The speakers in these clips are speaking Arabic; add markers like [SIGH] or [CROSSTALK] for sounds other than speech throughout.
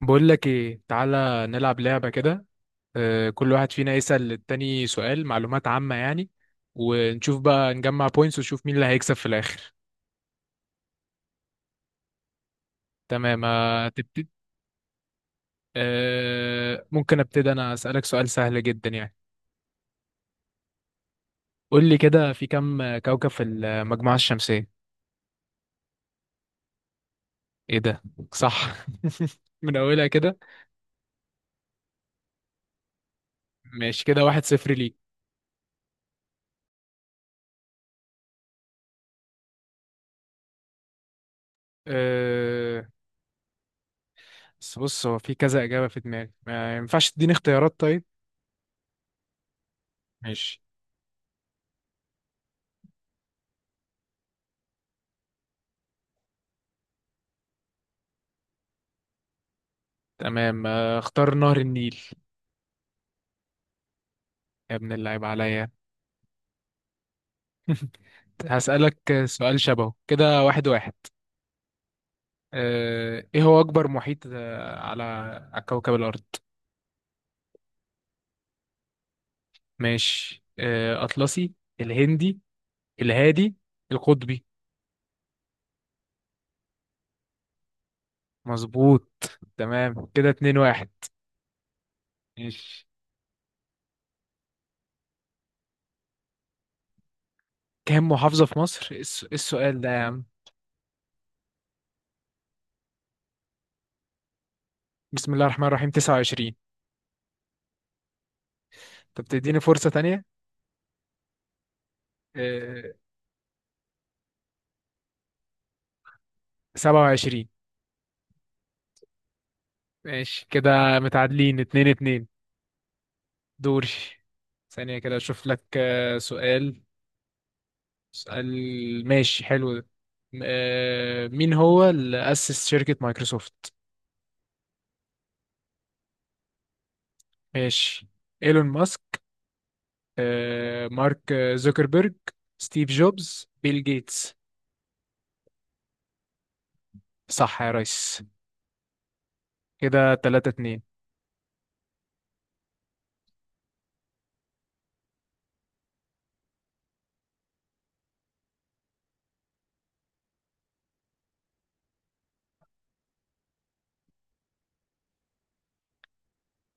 بقول لك ايه، تعالى نلعب لعبة كده. آه، كل واحد فينا يسأل للتاني سؤال معلومات عامة يعني. ونشوف بقى، نجمع بوينتس ونشوف مين اللي هيكسب في الآخر. تمام، آه، تبتدي. آه، ممكن ابتدي انا أسألك سؤال سهل جدا يعني. قول لي كده، في كم كوكب في المجموعة الشمسية؟ ايه ده؟ صح. [LAUGHS] من اولها كده. ماشي، كده واحد صفر ليك. أه، بس بص هو في كذا إجابة في دماغي، ما ينفعش تديني اختيارات طيب؟ ماشي. تمام، آه، اختار نهر النيل. يا ابن اللعيب عليا. [LAUGHS] هسألك سؤال شبهه كده، واحد واحد. آه، ايه هو اكبر محيط على كوكب الارض؟ ماشي، اطلسي، الهندي، الهادي، القطبي. مظبوط. تمام، كده اتنين واحد. ماشي. كام محافظة في مصر؟ إيه السؤال ده يا عم؟ بسم الله الرحمن الرحيم، 29. طب تديني فرصة تانية؟ آه، 27. ماشي، كده متعادلين اتنين اتنين. دوري. ثانية كده أشوف لك سؤال. اسأل، ماشي حلو ده. مين هو اللي أسس شركة مايكروسوفت؟ ماشي. إيلون ماسك، مارك زوكربيرج، ستيف جوبز، بيل جيتس. صح يا ريس. كده تلاتة اتنين.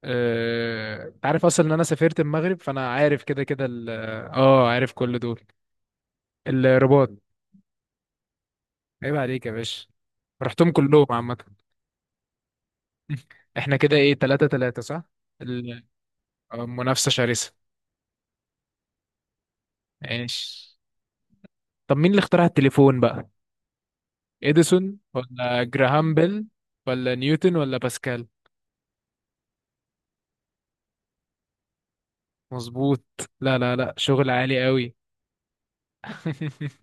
انت عارف اصلا ان انا سافرت المغرب، فانا عارف كده كده اه، عارف كل دول. الرباط. عيب عليك يا باشا. رحتهم كلهم عامة. [LAUGHS] احنا كده ايه، تلاتة تلاتة، صح؟ ال- منافسة شرسة. ماشي. طب مين اللي اخترع التليفون بقى؟ اديسون، ولا جراهام بيل، ولا نيوتن، ولا باسكال؟ مظبوط. لا، لا، لا، شغل عالي قوي. [LAUGHS]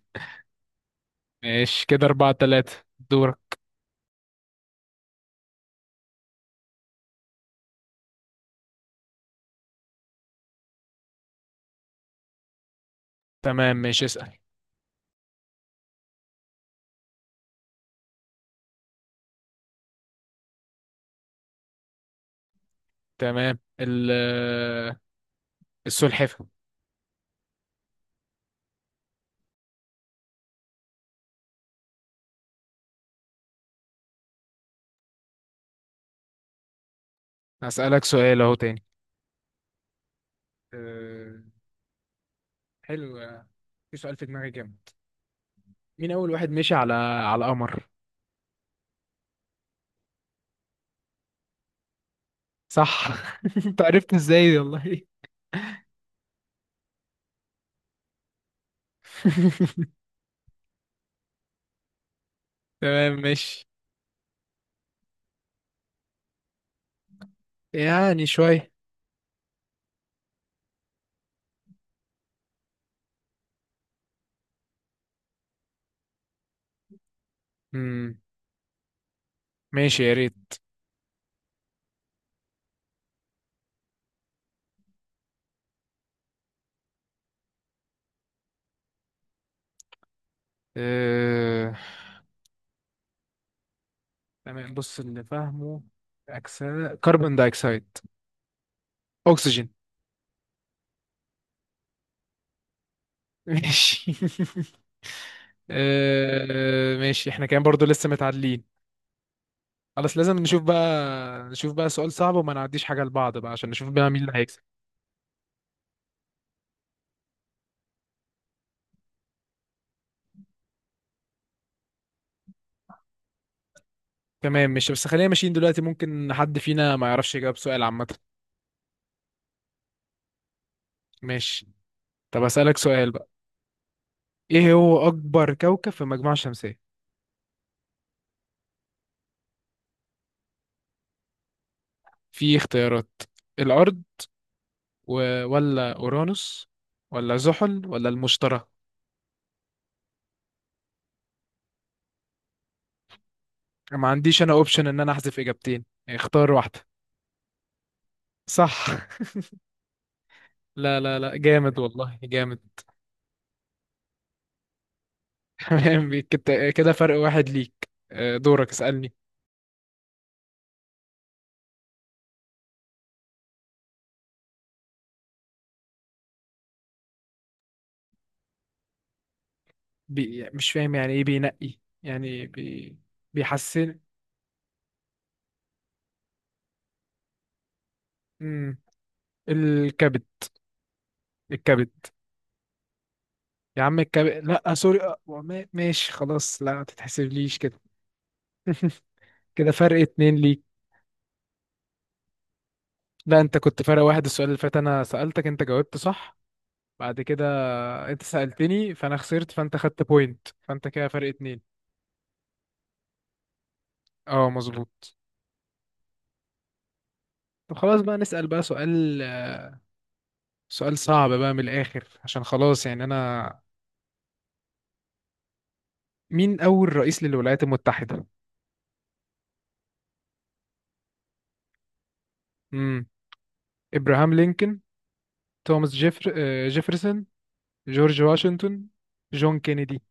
ماشي، كده أربعة تلاتة. دورك. تمام ماشي، اسأل. تمام، السلحفة. هسألك سؤال أهو تاني. أه، حلو. في سؤال في دماغي جامد. مين أول واحد مشي على القمر؟ صح. [LAUGHS] أنت عرفت إزاي دي والله؟ [LAUGHS] تمام ماشي. يعني شوية. مم. ماشي يا ريت. آه، تمام بص اللي فاهمه، أكسا كربون دايوكسيد، أكسجين. ماشي. [LAUGHS] آه، ماشي، احنا كان برضو لسه متعادلين. خلاص، لازم نشوف بقى سؤال صعب وما نعديش حاجة لبعض بقى، عشان نشوف بقى مين اللي هيكسب. تمام ماشي، بس خلينا ماشيين دلوقتي، ممكن حد فينا ما يعرفش يجاوب سؤال عامة. ماشي. طب أسألك سؤال بقى. ايه هو أكبر كوكب في المجموعة الشمسية؟ في اختيارات. الأرض، ولا أورانوس، ولا زحل، ولا المشتري؟ ما عنديش انا اوبشن ان انا احذف اجابتين اختار واحدة. صح. [LAUGHS] لا، لا، لا، جامد والله، جامد. [LAUGHS] تمام، كده فرق واحد ليك. آه، دورك اسألني. مش فاهم يعني ايه بينقي، يعني بيحسن؟ مم. الكبد. الكبد. يا عم الكبد، لا سوري، ماشي خلاص، لا ما تتحسبليش كده. كده فرق اتنين ليك. لا، انت كنت فرق واحد، السؤال اللي فات انا سألتك انت جاوبت صح. بعد كده، انت سألتني فانا خسرت، فانت خدت بوينت، فانت كده فرق اتنين. اه، مظبوط. طب خلاص بقى، نسأل بقى سؤال سؤال صعب بقى من الآخر، عشان خلاص يعني أنا. مين أول رئيس للولايات المتحدة؟ امم إبراهام لينكولن، توماس جيفرسون، جورج واشنطن، جون كينيدي.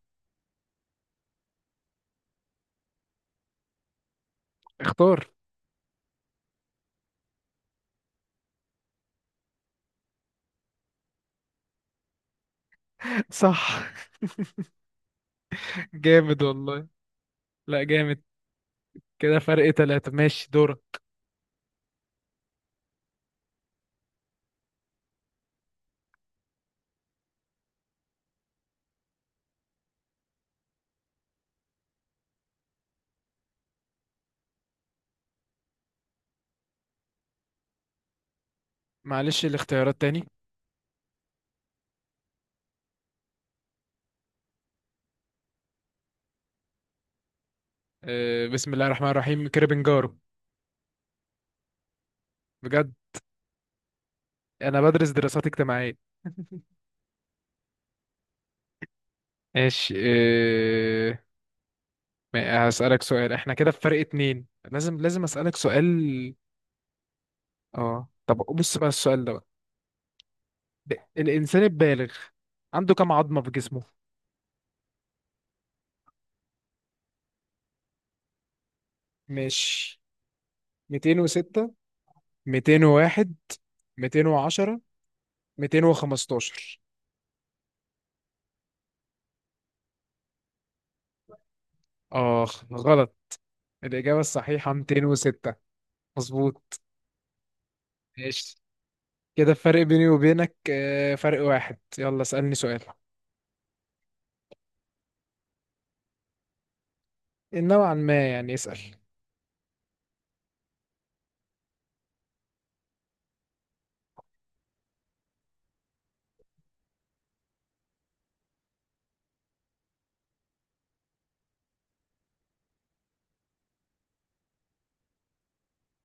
اختار. [LAUGHS] صح. جامد والله. لا، جامد. كده فرق ثلاثة، ماشي دورة. معلش الاختيارات تاني. آه، بسم الله الرحمن الرحيم، كريبنجارو. بجد. أنا بدرس دراسات اجتماعية. [LAUGHS] ماشي، هسألك سؤال، احنا كده بفرق اتنين، لازم لازم أسألك سؤال. اه، طب بص بقى السؤال ده بقى. ب- الإنسان البالغ عنده كم عظمة في جسمه؟ مش 206، 201، 210، 215؟ اخ، غلط. الإجابة الصحيحة 206. مظبوط. ماشي، كده الفرق بيني وبينك فرق واحد، يلا اسألني سؤال. نوعا ما يعني، اسأل.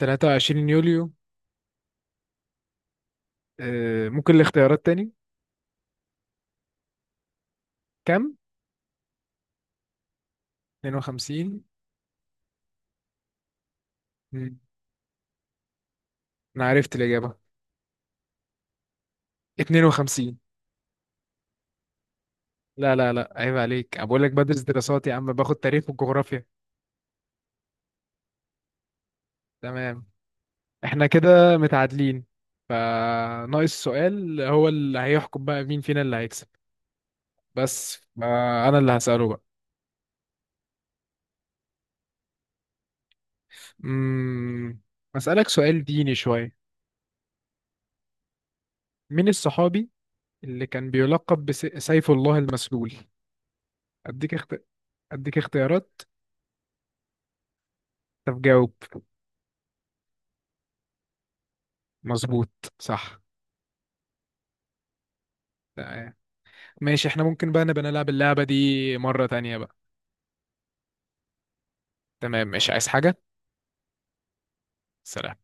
23 يوليو. آه، ممكن الاختيارات تاني؟ كم؟ 52. مم. انا عرفت الاجابه، 52. لا، لا، لا، عيب عليك، انا بقول لك بدرس دراسات يا عم، باخد تاريخ وجغرافيا. تمام. احنا كده متعادلين، فناقص سؤال هو اللي هيحكم بقى مين فينا اللي هيكسب. بس، انا اللي هسأله بقى. امم اسألك سؤال ديني شويه. مين الصحابي اللي كان بيلقب بسيف الله المسلول؟ اديك اخت... اديك اختيارات. طب جاوب. مظبوط، صح. ماشي، احنا ممكن بقى نبقى نلعب اللعبة دي مرة تانية بقى. تمام، مش عايز حاجة. سلام.